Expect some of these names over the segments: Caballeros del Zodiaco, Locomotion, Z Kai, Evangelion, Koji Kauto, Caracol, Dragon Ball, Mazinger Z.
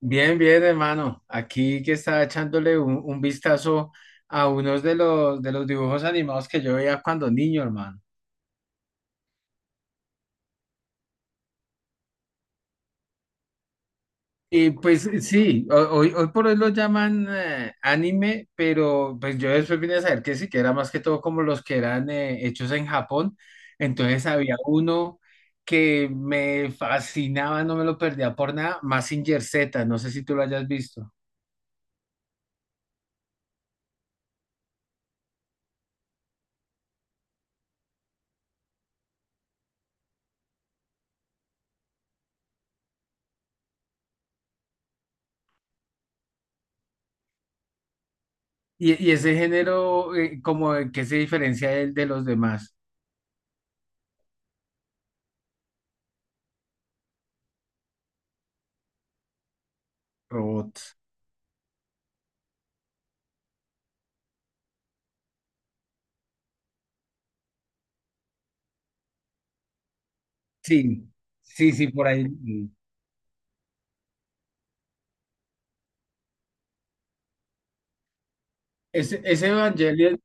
Bien, bien, hermano. Aquí que estaba echándole un vistazo a unos de los dibujos animados que yo veía cuando niño, hermano. Y pues sí, hoy por hoy lo llaman anime, pero pues yo después vine a saber que sí, que era más que todo como los que eran hechos en Japón. Entonces había uno que me fascinaba, no me lo perdía por nada, Mazinger Z, no sé si tú lo hayas visto. Y ese género, como en qué se diferencia del de los demás robots? Sí, sí, sí, por ahí. Mm. Ese Evangelion,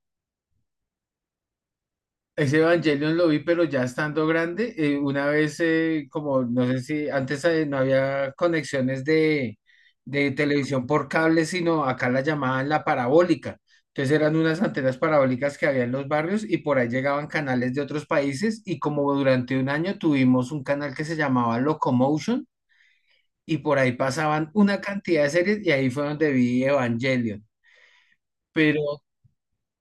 ese Evangelion lo vi, pero ya estando grande, una vez, como no sé si antes no había conexiones de televisión por cable, sino acá la llamaban la parabólica. Entonces eran unas antenas parabólicas que había en los barrios y por ahí llegaban canales de otros países y como durante un año tuvimos un canal que se llamaba Locomotion y por ahí pasaban una cantidad de series y ahí fue donde vi Evangelion. Pero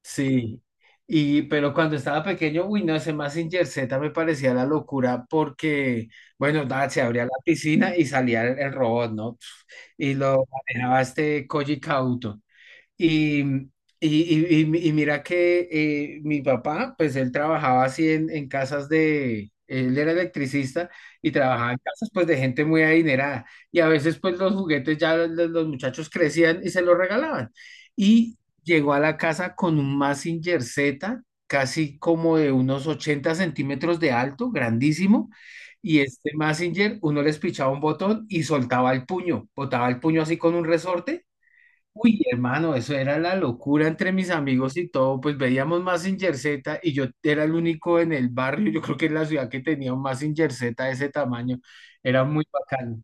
sí, y pero cuando estaba pequeño, uy, no, ese Mazinger Z me parecía la locura porque, bueno, nada, se abría la piscina y salía el robot, ¿no? Y lo manejaba este Koji Kauto. Y, y, y mira que mi papá, pues él trabajaba así en casas de, él era electricista y trabajaba en casas pues de gente muy adinerada. Y a veces pues los juguetes ya los muchachos crecían y se los regalaban. Y llegó a la casa con un Mazinger Z, casi como de unos 80 centímetros de alto, grandísimo. Y este Mazinger, uno les pichaba un botón y soltaba el puño, botaba el puño así con un resorte. Uy, hermano, eso era la locura entre mis amigos y todo, pues veíamos Mazinger Z y yo era el único en el barrio, yo creo que en la ciudad que tenía un Mazinger Z de ese tamaño, era muy bacano.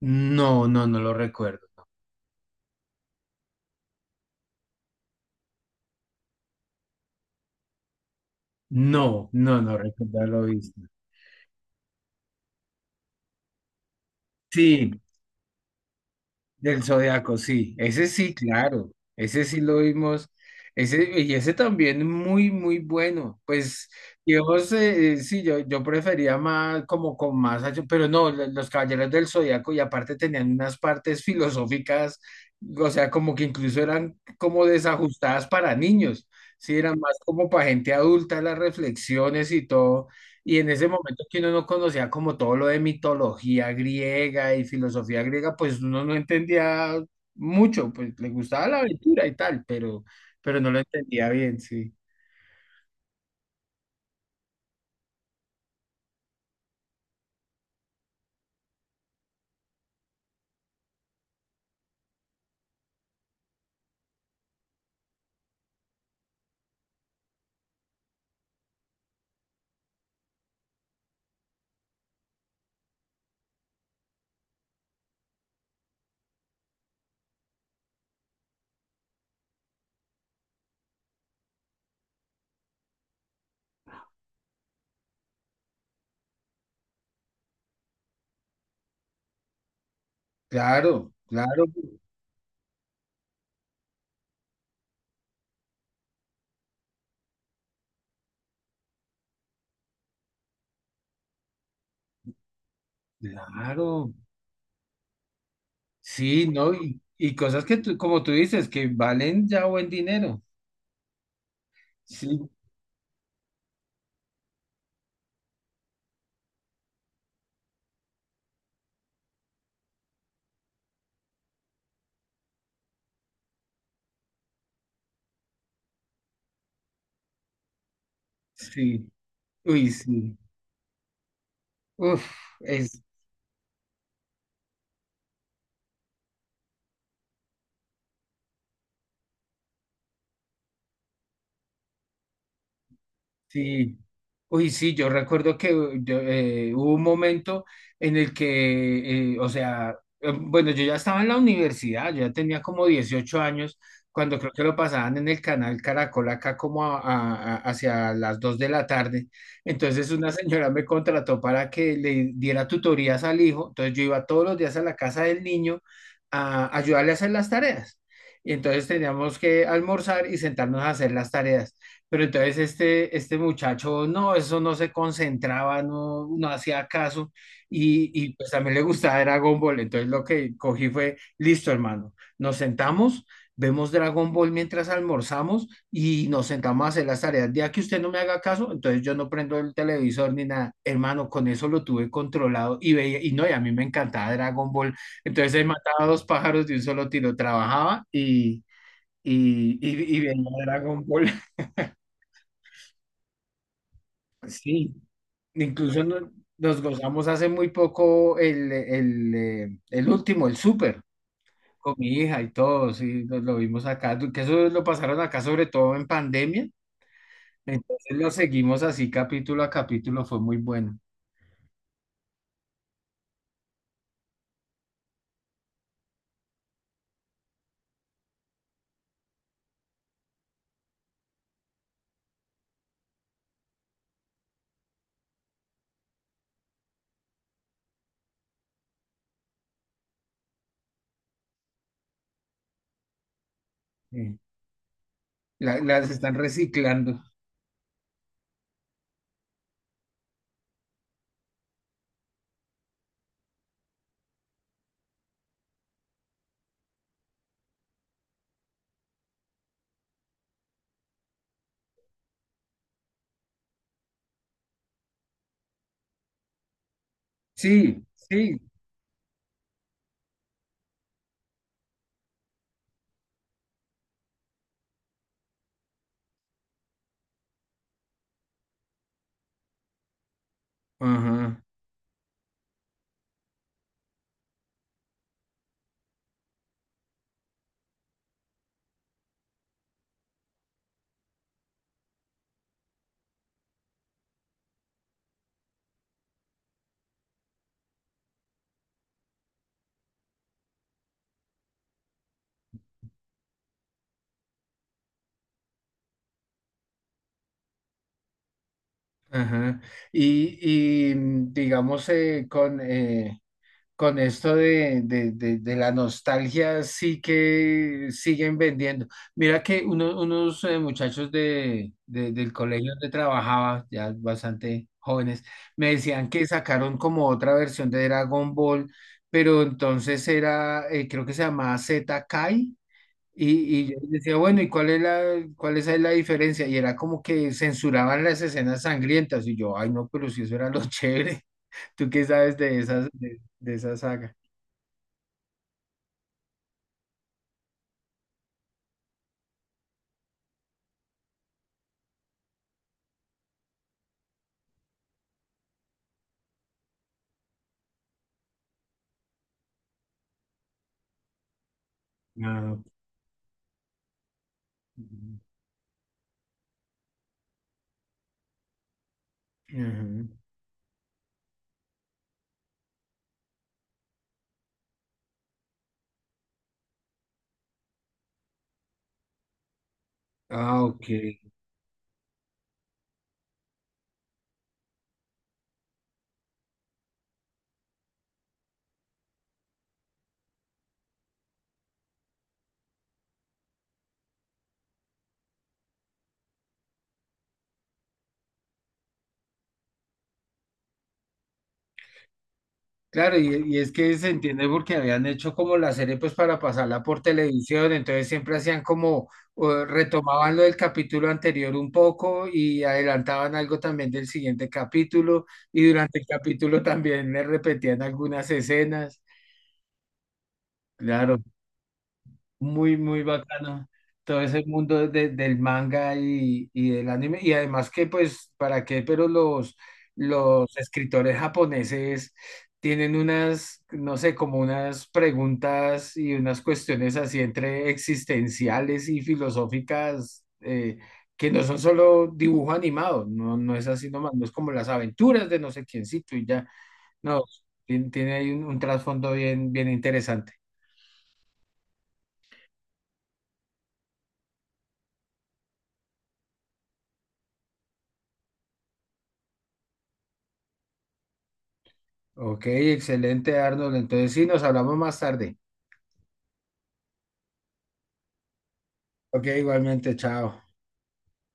No, no, no lo recuerdo. No, no, no, no recuerdo haberlo visto. Sí, del Zodiaco, sí, ese sí, claro, ese sí lo vimos, y ese también muy, muy bueno, pues, digamos, sí, yo prefería más, como con más acción, pero no, los Caballeros del Zodiaco, y aparte tenían unas partes filosóficas, o sea, como que incluso eran como desajustadas para niños, sí, eran más como para gente adulta, las reflexiones y todo, y en ese momento que uno no conocía como todo lo de mitología griega y filosofía griega, pues uno no entendía mucho, pues le gustaba la aventura y tal, pero no lo entendía bien, sí. Claro, claro, claro. Sí, ¿no? Y cosas que tú, como tú dices, que valen ya buen dinero. Sí, sí. Uy, sí. Uf, es, sí. Uy, sí, yo recuerdo que hubo un momento en el que, o sea, bueno, yo ya estaba en la universidad, yo ya tenía como 18 años, cuando creo que lo pasaban en el canal Caracol acá como hacia las 2 de la tarde. Entonces una señora me contrató para que le diera tutorías al hijo, entonces yo iba todos los días a la casa del niño a ayudarle a hacer las tareas. Y entonces teníamos que almorzar y sentarnos a hacer las tareas. Pero entonces este muchacho, no, eso no se concentraba, no, no hacía caso y pues también le gustaba Dragon Ball. Entonces lo que cogí fue, listo, hermano, nos sentamos, vemos Dragon Ball mientras almorzamos y nos sentamos a hacer las tareas. Ya que usted no me haga caso, entonces yo no prendo el televisor ni nada. Hermano, con eso lo tuve controlado y veía, y no, y a mí me encantaba Dragon Ball. Entonces él mataba dos pájaros de un solo tiro, trabajaba y veía Dragon Ball. Sí. Incluso nos gozamos hace muy poco el último, el súper, con mi hija y todo, sí, nos lo vimos acá, que eso lo pasaron acá sobre todo en pandemia, entonces lo seguimos así capítulo a capítulo, fue muy bueno. Sí. La- las están reciclando. Sí, sí. Ajá, ajá. Y, y, digamos, con esto de la nostalgia sí que siguen vendiendo. Mira que unos muchachos del colegio donde trabajaba, ya bastante jóvenes, me decían que sacaron como otra versión de Dragon Ball, pero entonces era, creo que se llamaba Z Kai. Y yo les decía, bueno, ¿y cuál es cuál es ahí la diferencia? Y era como que censuraban las escenas sangrientas. Y yo, ay, no, pero si eso era lo chévere. ¿Tú qué sabes de esas, de esa saga? Ah, ujú. Ah, ok. Claro, y es que se entiende porque habían hecho como la serie pues para pasarla por televisión, entonces siempre hacían como retomaban lo del capítulo anterior un poco y adelantaban algo también del siguiente capítulo y durante el capítulo también le repetían algunas escenas. Claro. Muy, muy bacano todo ese mundo del manga y del anime. Y además que, pues, ¿para qué? Pero los escritores japoneses tienen unas, no sé, como unas preguntas y unas cuestiones así entre existenciales y filosóficas que no son solo dibujo animado, no, no es así nomás, no es como las aventuras de no sé quiéncito y ya, no, tiene, tiene ahí un trasfondo bien, bien interesante. Ok, excelente, Arnold. Entonces sí, nos hablamos más tarde. Ok, igualmente, chao.